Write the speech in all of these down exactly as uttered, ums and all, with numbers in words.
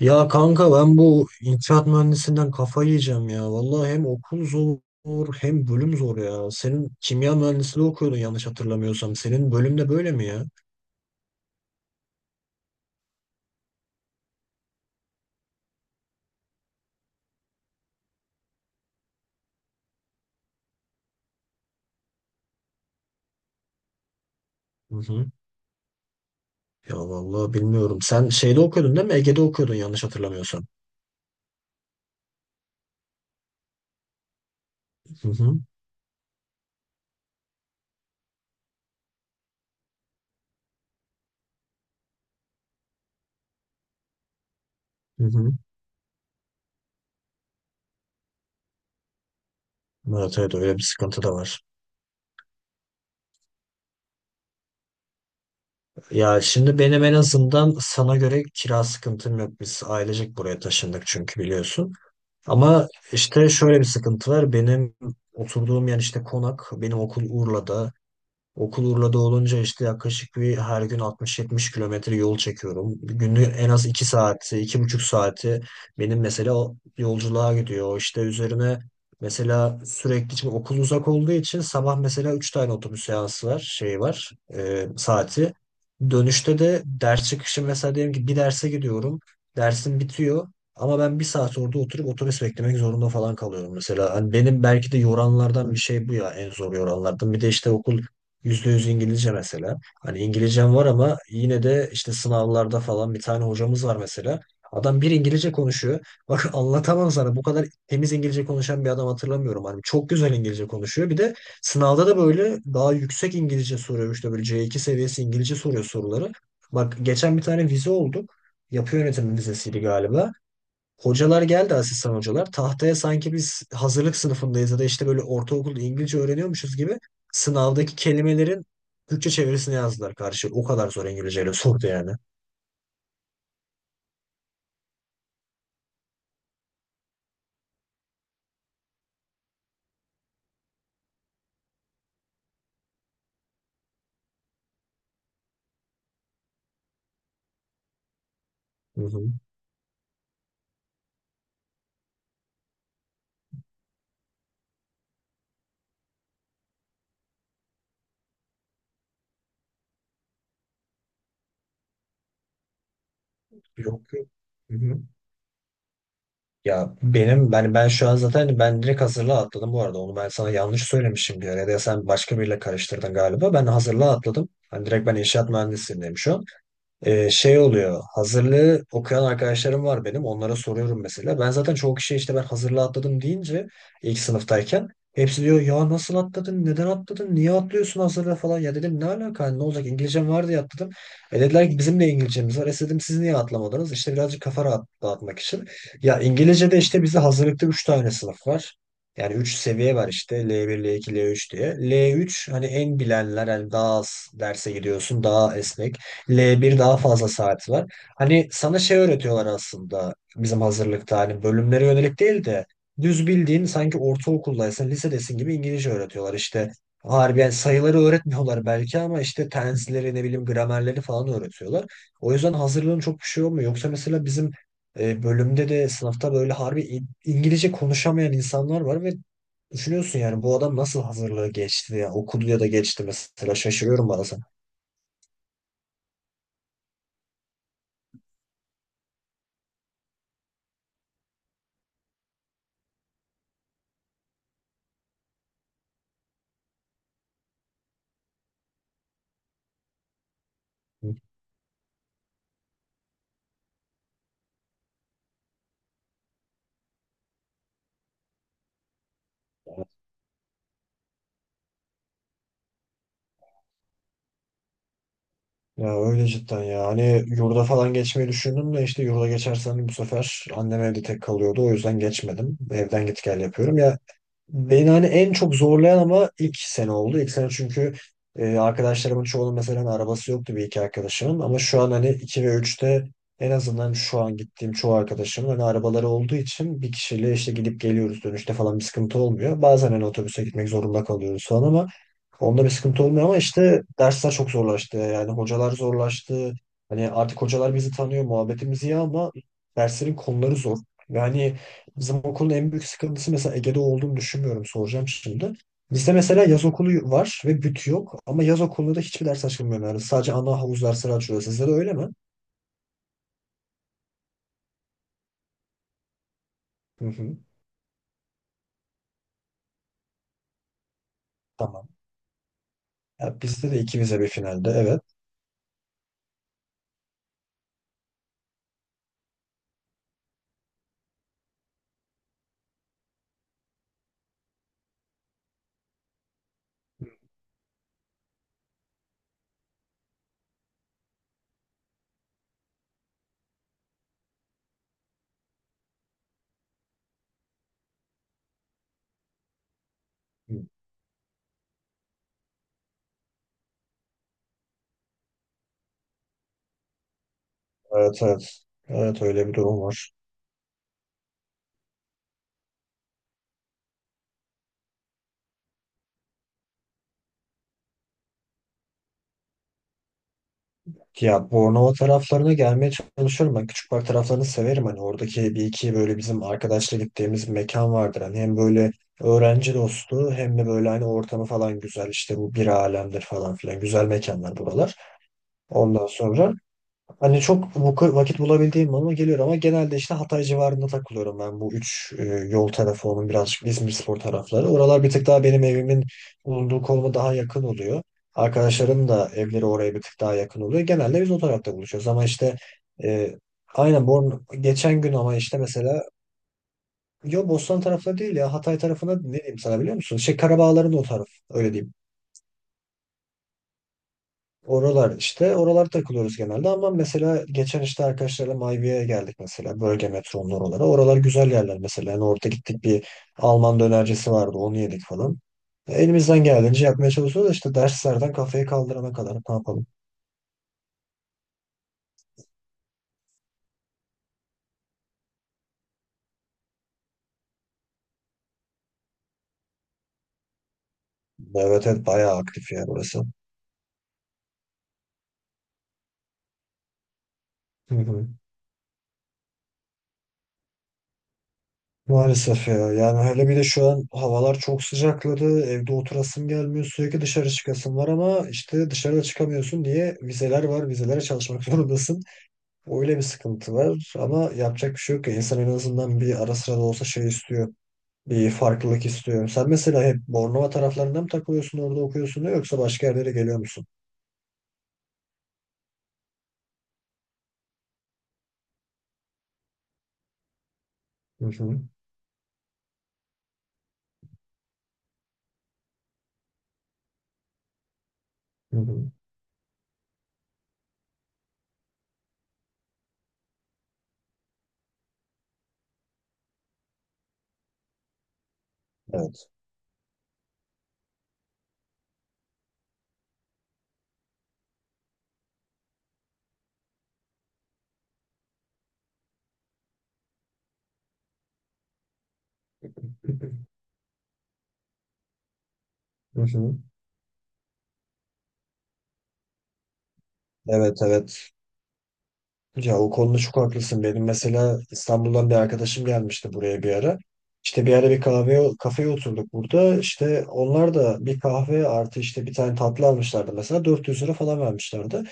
Ya kanka ben bu inşaat mühendisinden kafayı yiyeceğim ya. Vallahi hem okul zor hem bölüm zor ya. Senin kimya mühendisliği okuyordun yanlış hatırlamıyorsam. Senin bölüm de böyle mi ya? Hı hı. Ya vallahi bilmiyorum. Sen şeyde okuyordun değil mi? Ege'de okuyordun yanlış hatırlamıyorsam. Hı hı. Hı hı. Evet evet, öyle bir sıkıntı da var. Ya şimdi benim en azından sana göre kira sıkıntım yok. Biz ailecek buraya taşındık çünkü biliyorsun. Ama işte şöyle bir sıkıntı var. Benim oturduğum yer işte konak. Benim okul Urla'da. Okul Urla'da olunca işte yaklaşık bir her gün altmış yetmiş kilometre yol çekiyorum. Günlük en az iki saati, iki buçuk saati benim mesela o yolculuğa gidiyor. O İşte üzerine mesela sürekli şimdi okul uzak olduğu için sabah mesela üç tane otobüs seansı var, şey var, e, saati. Dönüşte de ders çıkışı mesela diyelim ki bir derse gidiyorum. Dersim bitiyor. Ama ben bir saat orada oturup otobüs beklemek zorunda falan kalıyorum mesela. Hani benim belki de yoranlardan bir şey bu ya, en zor yoranlardan. Bir de işte okul yüzde yüz İngilizce mesela. Hani İngilizcem var ama yine de işte sınavlarda falan bir tane hocamız var mesela. Adam bir İngilizce konuşuyor. Bak anlatamam sana, bu kadar temiz İngilizce konuşan bir adam hatırlamıyorum. Hani çok güzel İngilizce konuşuyor. Bir de sınavda da böyle daha yüksek İngilizce soruyor. İşte böyle C iki seviyesi İngilizce soruyor soruları. Bak geçen bir tane vize olduk. Yapı yönetimi vizesiydi galiba. Hocalar geldi, asistan hocalar. Tahtaya sanki biz hazırlık sınıfındayız ya da işte böyle ortaokulda İngilizce öğreniyormuşuz gibi sınavdaki kelimelerin Türkçe çevirisini yazdılar karşı. O kadar zor İngilizceyle sordu yani. Hı hı. Yok yok. Hı hı. Ya benim ben ben şu an zaten ben direkt hazırlığa atladım bu arada. Onu ben sana yanlış söylemişim diyor. Ya da sen başka biriyle karıştırdın galiba. Ben hazırlığa atladım. Hani direkt ben inşaat mühendisliğindeyim şu an. Ee, şey oluyor. Hazırlığı okuyan arkadaşlarım var benim. Onlara soruyorum mesela. Ben zaten çoğu kişiye işte ben hazırlığı atladım deyince ilk sınıftayken hepsi diyor ya nasıl atladın? Neden atladın? Niye atlıyorsun hazırlığı falan? Ya dedim, ne alaka? Hani ne olacak? İngilizcem var diye atladım. E dediler ki bizim de İngilizcemiz var. E dedim siz niye atlamadınız? İşte birazcık kafa rahat, dağıtmak için. Ya İngilizce'de işte bizde hazırlıkta üç tane sınıf var. Yani üç seviye var işte, L bir, L iki, L üç diye. L üç hani en bilenler, hani daha az derse gidiyorsun, daha esnek. L bir daha fazla saat var. Hani sana şey öğretiyorlar aslında, bizim hazırlıkta hani bölümlere yönelik değil de düz bildiğin sanki ortaokuldaysın, lisedesin gibi İngilizce öğretiyorlar. İşte harbiden sayıları öğretmiyorlar belki ama işte tensleri ne bileyim, gramerleri falan öğretiyorlar. O yüzden hazırlığın çok bir şey olmuyor. Yoksa mesela bizim e, bölümde de sınıfta böyle harbi İ- İngilizce konuşamayan insanlar var ve düşünüyorsun yani bu adam nasıl hazırlığı geçti ya, okudu ya da geçti mesela, şaşırıyorum bazen. Ya öyle cidden ya. Hani yurda falan geçmeyi düşündüm de işte yurda geçersem bu sefer annem evde tek kalıyordu. O yüzden geçmedim. Evden git gel yapıyorum. Ya beni hani en çok zorlayan ama ilk sene oldu. İlk sene çünkü e, arkadaşlarımın çoğunun mesela hani arabası yoktu, bir iki arkadaşımın. Ama şu an hani iki ve üçte en azından şu an gittiğim çoğu arkadaşımın hani arabaları olduğu için bir kişiyle işte gidip geliyoruz, dönüşte falan bir sıkıntı olmuyor. Bazen hani otobüse gitmek zorunda kalıyoruz falan ama onda bir sıkıntı olmuyor, ama işte dersler çok zorlaştı. Yani hocalar zorlaştı. Hani artık hocalar bizi tanıyor, muhabbetimiz iyi ama derslerin konuları zor. Yani bizim okulun en büyük sıkıntısı mesela Ege'de olduğunu düşünmüyorum. Soracağım şimdi. Bizde mesela yaz okulu var ve büt yok. Ama yaz okulunda da hiçbir ders açılmıyor. Yani sadece ana havuz dersleri açılıyor. Sizde de öyle mi? Hı hı. Tamam. Ya bizde de ikimize bir finalde. Evet. Hı. Evet evet. Evet öyle bir durum var. Ya Bornova taraflarına gelmeye çalışıyorum. Ben Küçükbay taraflarını severim. Hani oradaki bir iki böyle bizim arkadaşla gittiğimiz mekan vardır. Hani hem böyle öğrenci dostu hem de böyle hani ortamı falan güzel. İşte bu bir alemdir falan filan. Güzel mekanlar buralar. Ondan sonra hani çok vak- vakit bulabildiğim bana geliyor ama genelde işte Hatay civarında takılıyorum, ben bu üç e, yol tarafı onun birazcık İzmirspor tarafları. Oralar bir tık daha benim evimin bulunduğu konuma daha yakın oluyor. Arkadaşlarım da evleri oraya bir tık daha yakın oluyor. Genelde biz o tarafta buluşuyoruz ama işte e, aynen. Born geçen gün ama işte mesela yo, Bostan tarafları değil ya, Hatay tarafına ne diyeyim sana, biliyor musun? Şey, Karabağların o taraf, öyle diyeyim. Oralar işte, oralar takılıyoruz genelde ama mesela geçen işte arkadaşlarla Mayviye'ye geldik mesela, bölge metronun oralara. Oralar güzel yerler mesela. Yani orada gittik, bir Alman dönercisi vardı, onu yedik falan. Elimizden geldiğince yapmaya çalışıyoruz da işte derslerden kafayı kaldırana kadar ne yapalım. Evet evet, bayağı aktif ya burası. Hı hı. Maalesef ya, yani hele bir de şu an havalar çok sıcakladı, evde oturasım gelmiyor, sürekli dışarı çıkasım var ama işte dışarıda çıkamıyorsun diye, vizeler var, vizelere çalışmak zorundasın. Öyle bir sıkıntı var ama yapacak bir şey yok ya. İnsan en azından bir ara sıra da olsa şey istiyor. Bir farklılık istiyor. Sen mesela hep Bornova taraflarında mı takılıyorsun orada okuyorsun da, yoksa başka yerlere geliyor musun? Hı hı. Hı hı. Evet. Hı hı. Evet evet. Ya o konuda çok haklısın. Benim mesela İstanbul'dan bir arkadaşım gelmişti buraya bir ara. İşte bir ara bir kahve kafeye oturduk burada. İşte onlar da bir kahve artı işte bir tane tatlı almışlardı mesela, dört yüz lira falan vermişlerdi.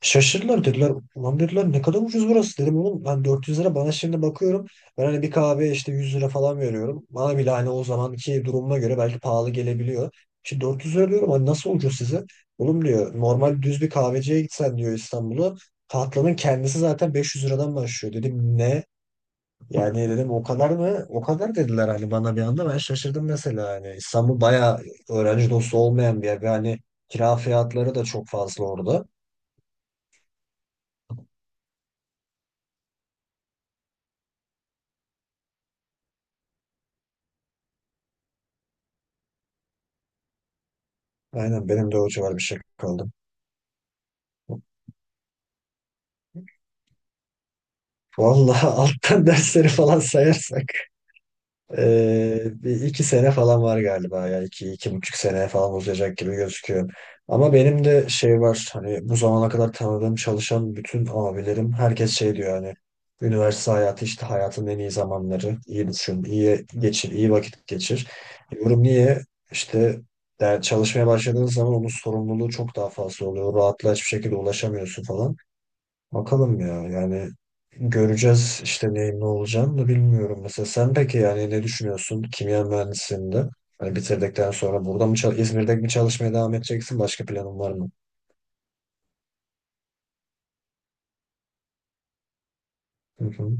Şaşırdılar, dediler ulan, dediler ne kadar ucuz burası. Dedim oğlum ben dört yüz lira bana şimdi bakıyorum. Ben hani bir kahve işte yüz lira falan veriyorum. Bana bile hani o zamanki durumuma göre belki pahalı gelebiliyor. İşte dört yüz lira diyorum, hani nasıl ucuz size? Oğlum diyor normal düz bir kahveciye gitsen diyor İstanbul'a, tatlının kendisi zaten beş yüz liradan başlıyor. Dedim ne? Yani dedim o kadar mı? O kadar dediler hani bana, bir anda ben şaşırdım mesela hani. İstanbul bayağı öğrenci dostu olmayan bir yer. Ve hani kira fiyatları da çok fazla orada. Aynen, benim de o civar bir şey kaldım. Vallahi alttan dersleri falan sayarsak. Ee, bir iki sene falan var galiba ya, iki, iki buçuk sene falan uzayacak gibi gözüküyor. Ama benim de şey var hani, bu zamana kadar tanıdığım çalışan bütün abilerim, herkes şey diyor hani üniversite hayatı işte hayatın en iyi zamanları, iyi düşün, iyi geçir, iyi vakit geçir. Diyorum niye işte, yani çalışmaya başladığın zaman onun sorumluluğu çok daha fazla oluyor, rahatla hiçbir şekilde ulaşamıyorsun falan. Bakalım ya, yani göreceğiz işte neyin ne olacağını da bilmiyorum. Mesela sen peki yani ne düşünüyorsun kimya mühendisliğinde? Hani bitirdikten sonra burada mı çal- İzmir'de mi çalışmaya devam edeceksin? Başka planın var mı? Hı hı.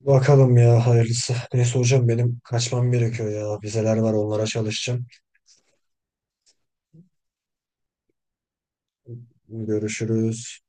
Bakalım ya, hayırlısı. Neyse hocam benim kaçmam gerekiyor ya. Vizeler var, onlara çalışacağım. Görüşürüz.